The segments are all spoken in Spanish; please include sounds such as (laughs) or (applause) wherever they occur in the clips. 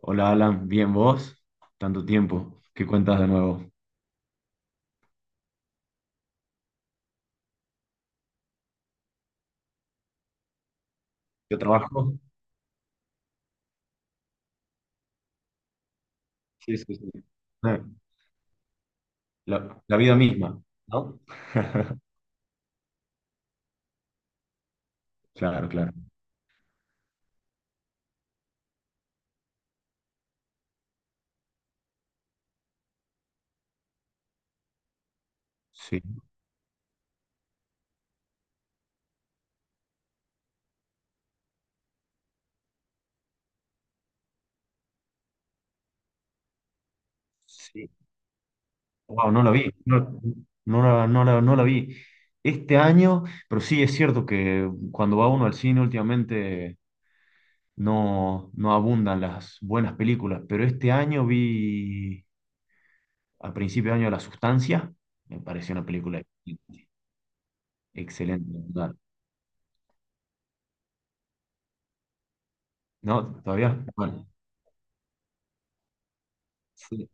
Hola Alan, bien vos, tanto tiempo, ¿qué cuentas de nuevo? ¿Yo trabajo? Sí, sí, sí. Eh, la vida misma, ¿no? (laughs) Claro, claro. Sí, sí. Wow, no la vi, no, no la vi este año, pero sí es cierto que cuando va uno al cine últimamente no, no abundan las buenas películas, pero este año vi a principio de año La Sustancia, me pareció una película excelente. No, todavía. Bueno, sí.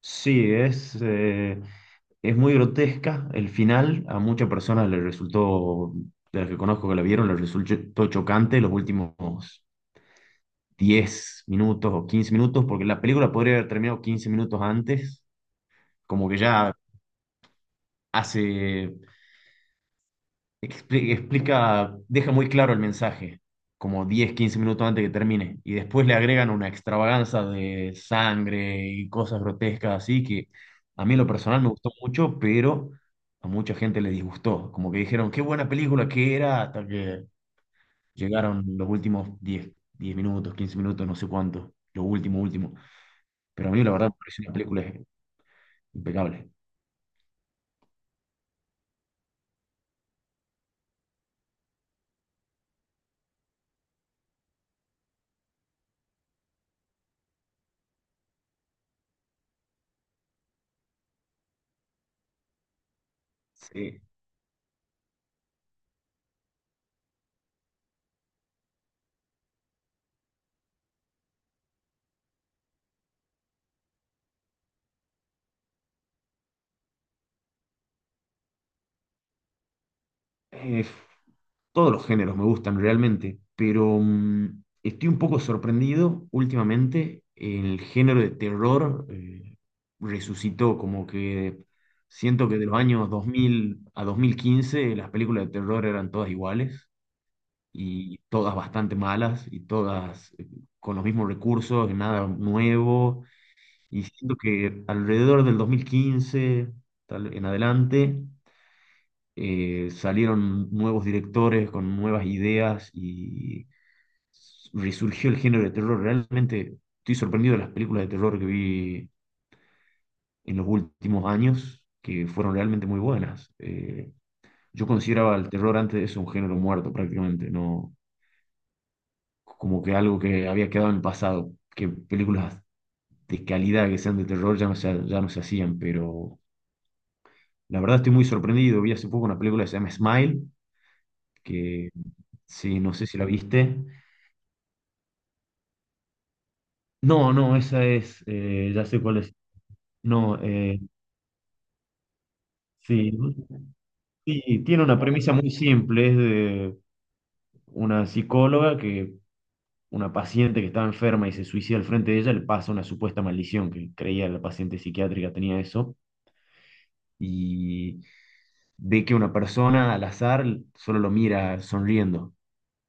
Sí, es muy grotesca el final. A muchas personas les resultó, de las que conozco que la vieron, les resultó chocante los últimos 10 minutos o 15 minutos, porque la película podría haber terminado 15 minutos antes, como que ya hace explica, deja muy claro el mensaje, como 10 15 minutos antes que termine, y después le agregan una extravaganza de sangre y cosas grotescas así que a mí en lo personal me gustó mucho, pero a mucha gente le disgustó, como que dijeron, qué buena película que era, hasta que llegaron los últimos diez minutos, 15 minutos, no sé cuánto, lo último, último, pero a mí la verdad me pareció una película impecable. Sí. Eh, Todos los géneros me gustan realmente, pero estoy un poco sorprendido últimamente. El género de terror resucitó, como que siento que de los años 2000 a 2015 las películas de terror eran todas iguales y todas bastante malas y todas con los mismos recursos, nada nuevo. Y siento que alrededor del 2015 tal en adelante, salieron nuevos directores con nuevas ideas y resurgió el género de terror. Realmente estoy sorprendido de las películas de terror que vi en los últimos años, que fueron realmente muy buenas. Yo consideraba el terror antes de eso un género muerto prácticamente, no como que algo que había quedado en el pasado, que películas de calidad que sean de terror ya no se hacían, pero la verdad estoy muy sorprendido. Vi hace poco una película que se llama Smile, que sí, no sé si la viste. No, no, esa es, ya sé cuál es. No, sí, sí, tiene una premisa muy simple, es de una psicóloga que una paciente que estaba enferma y se suicida al frente de ella, le pasa una supuesta maldición, que creía la paciente psiquiátrica tenía eso, y ve que una persona al azar solo lo mira sonriendo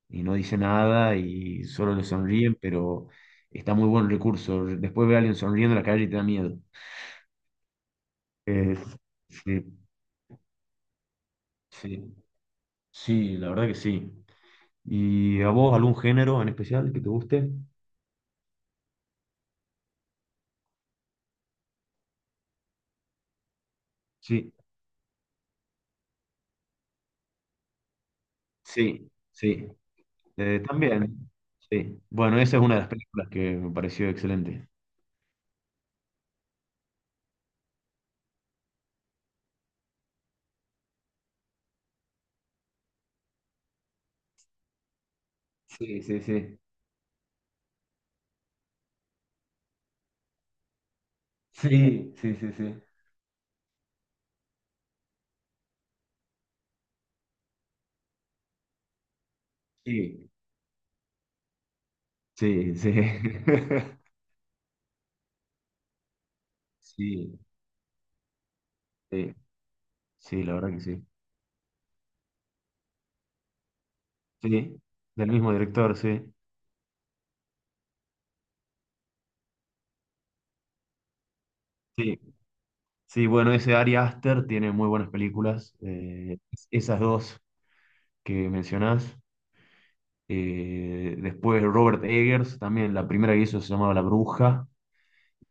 y no dice nada y solo le sonríe, pero está muy buen recurso. Después ve a alguien sonriendo en la calle y te da miedo. Es- sí, sí. Sí, la verdad que sí. ¿Y a vos algún género en especial que te guste? Sí, sí, sí. También, sí. Bueno, esa es una de las películas que me pareció excelente. Sí, sí, sí. Sí, sí, sí, sí. Sí, sí, sí. (laughs) Sí, sí, sí, la verdad que sí. Sí, del mismo director, sí. Sí, sí, bueno, ese Ari Aster tiene muy buenas películas. Esas dos que mencionás. Después Robert Eggers, también la primera que hizo se llamaba La Bruja,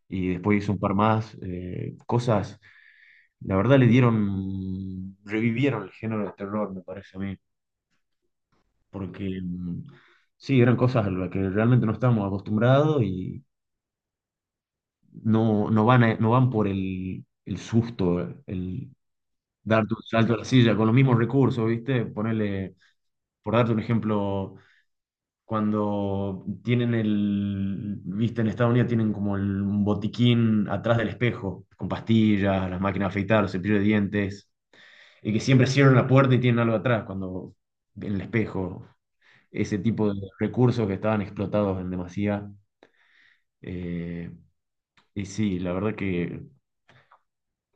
y después hizo un par más, cosas, la verdad le dieron, revivieron el género de terror, me parece a mí, porque sí, eran cosas a las que realmente no estábamos acostumbrados y no, no van por el susto, el darte un salto a la silla con los mismos recursos, ¿viste? Ponerle, por darte un ejemplo cuando tienen el, viste, en Estados Unidos tienen como el, un botiquín atrás del espejo, con pastillas, las máquinas de afeitar, los cepillos de dientes, y que siempre cierran la puerta y tienen algo atrás cuando en el espejo, ese tipo de recursos que estaban explotados en demasía. eh, y sí,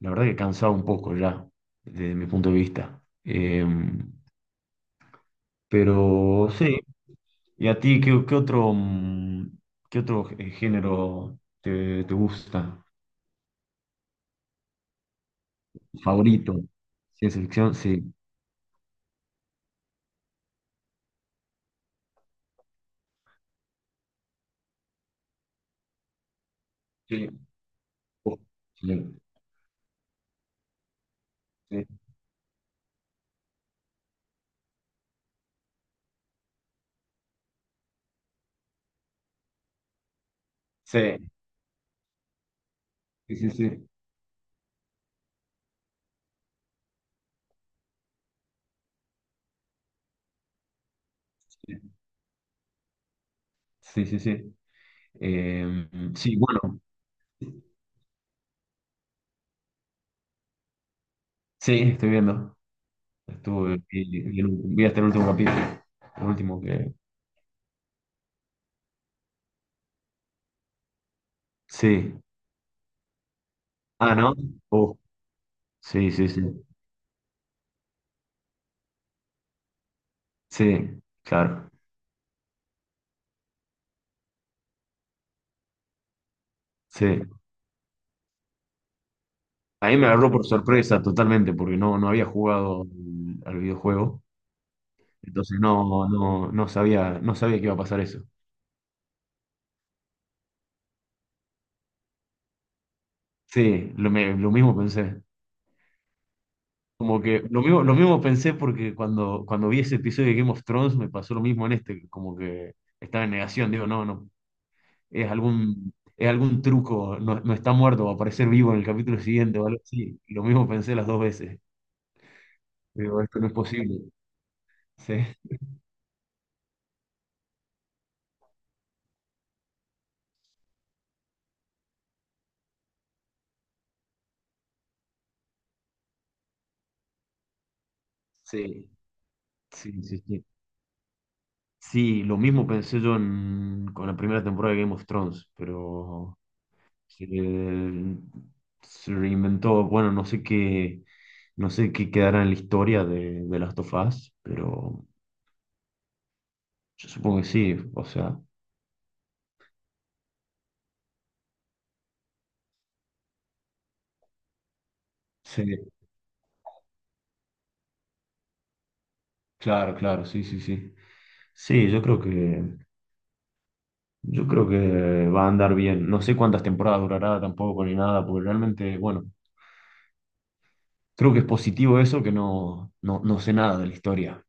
la verdad que cansaba un poco ya, desde mi punto de vista. Pero sí. ¿Y a ti qué otro género te gusta? ¿Favorito? ¿Ciencia ficción? Sí. Sí. Oh, excelente. Sí, sí, sí, sí. Sí, sí, sí. Sí. Eh, sí, bueno, sí, estoy viendo. Estuve, vi, vi hasta el último capítulo. El último que. Sí. Ah, ¿no? Oh, sí, sí, sí. Sí, claro. Sí. A mí me agarró por sorpresa totalmente porque no, no había jugado al videojuego. Entonces no, no, no sabía, no sabía que iba a pasar eso. Sí, lo mismo pensé. Como que lo mismo pensé porque cuando vi ese episodio de Game of Thrones me pasó lo mismo en este, como que estaba en negación, digo, no, no, es algún truco, no, no está muerto, va a aparecer vivo en el capítulo siguiente o algo así. Lo mismo pensé las dos veces. Digo, esto no es posible. Sí, sí, sí, sí, sí. Sí, lo mismo pensé yo en- con la primera temporada de Game of Thrones, pero se, se reinventó, bueno, no sé qué quedará en la historia de Last of Us, pero yo supongo que sí, o sea, sí, claro, claro, sí, sí, sí. Sí, yo creo que va a andar bien. No sé cuántas temporadas durará tampoco ni nada, porque realmente, bueno, creo que es positivo eso que no, no, no sé nada de la historia.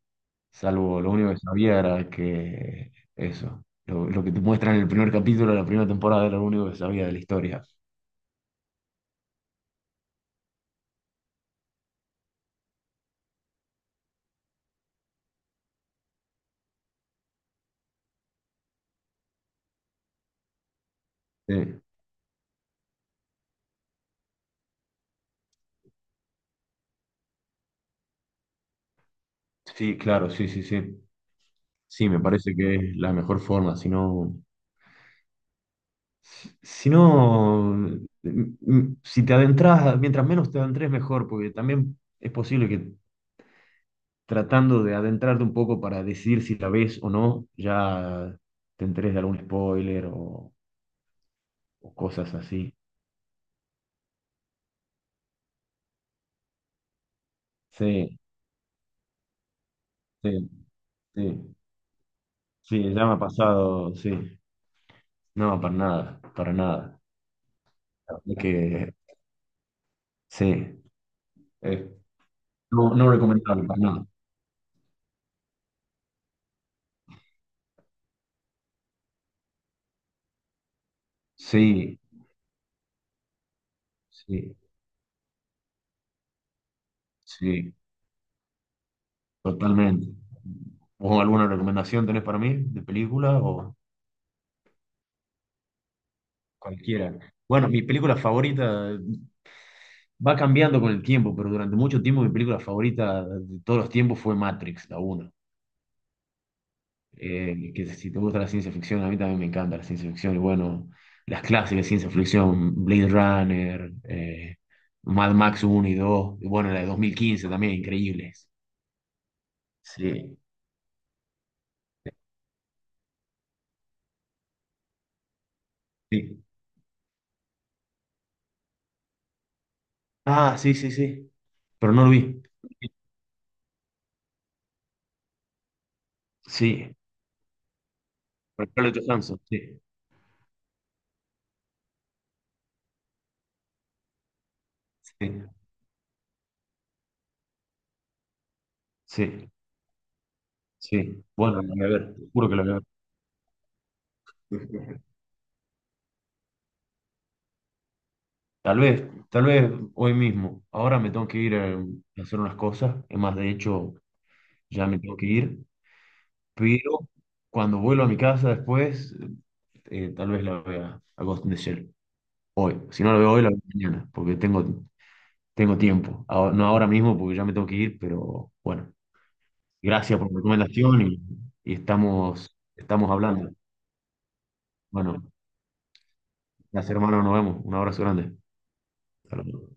Salvo lo único que sabía era que eso, lo que te muestran en el primer capítulo de la primera temporada era lo único que sabía de la historia. Sí, sí, claro, sí, sí, sí. Sí, me parece que es la mejor forma, si no, si no, m- si te adentras, mientras menos te adentres mejor, porque también es posible que tratando de adentrarte un poco para decidir si la ves o no, ya te enteres de algún spoiler o cosas así. Sí, sí, sí. Sí, ya me ha pasado, sí. No, para nada, para nada. La verdad que sí, eh, no, no recomendable para nada. Sí, sí, sí, totalmente. ¿Vos alguna recomendación tenés para mí de película o cualquiera? Bueno, mi película favorita va cambiando con el tiempo, pero durante mucho tiempo mi película favorita de todos los tiempos fue Matrix, la uno. Que si te gusta la ciencia ficción, a mí también me encanta la ciencia ficción. Y bueno, las clásicas de ciencia ficción, Blade Runner, Mad Max uno y 2 y bueno, la de 2015 también, increíbles. Sí, sí. Ah, sí, sí, sí. Pero no lo vi. Sí, por Scarlett Johansson, sí, sí, sí, sí. Bueno, lo voy a ver, te juro que lo voy a ver. Tal vez, tal vez hoy mismo. Ahora me tengo que ir a hacer unas cosas. Es más, de hecho, ya me tengo que ir. Pero cuando vuelvo a mi casa después, tal vez la vea a Ghost in the Shell hoy. Si no la veo hoy, la veo mañana, porque tengo, tengo tiempo. Ahora- no ahora mismo, porque ya me tengo que ir, pero bueno, gracias por la recomendación y estamos hablando. Bueno, gracias hermano, nos vemos. Un abrazo grande. Hasta luego.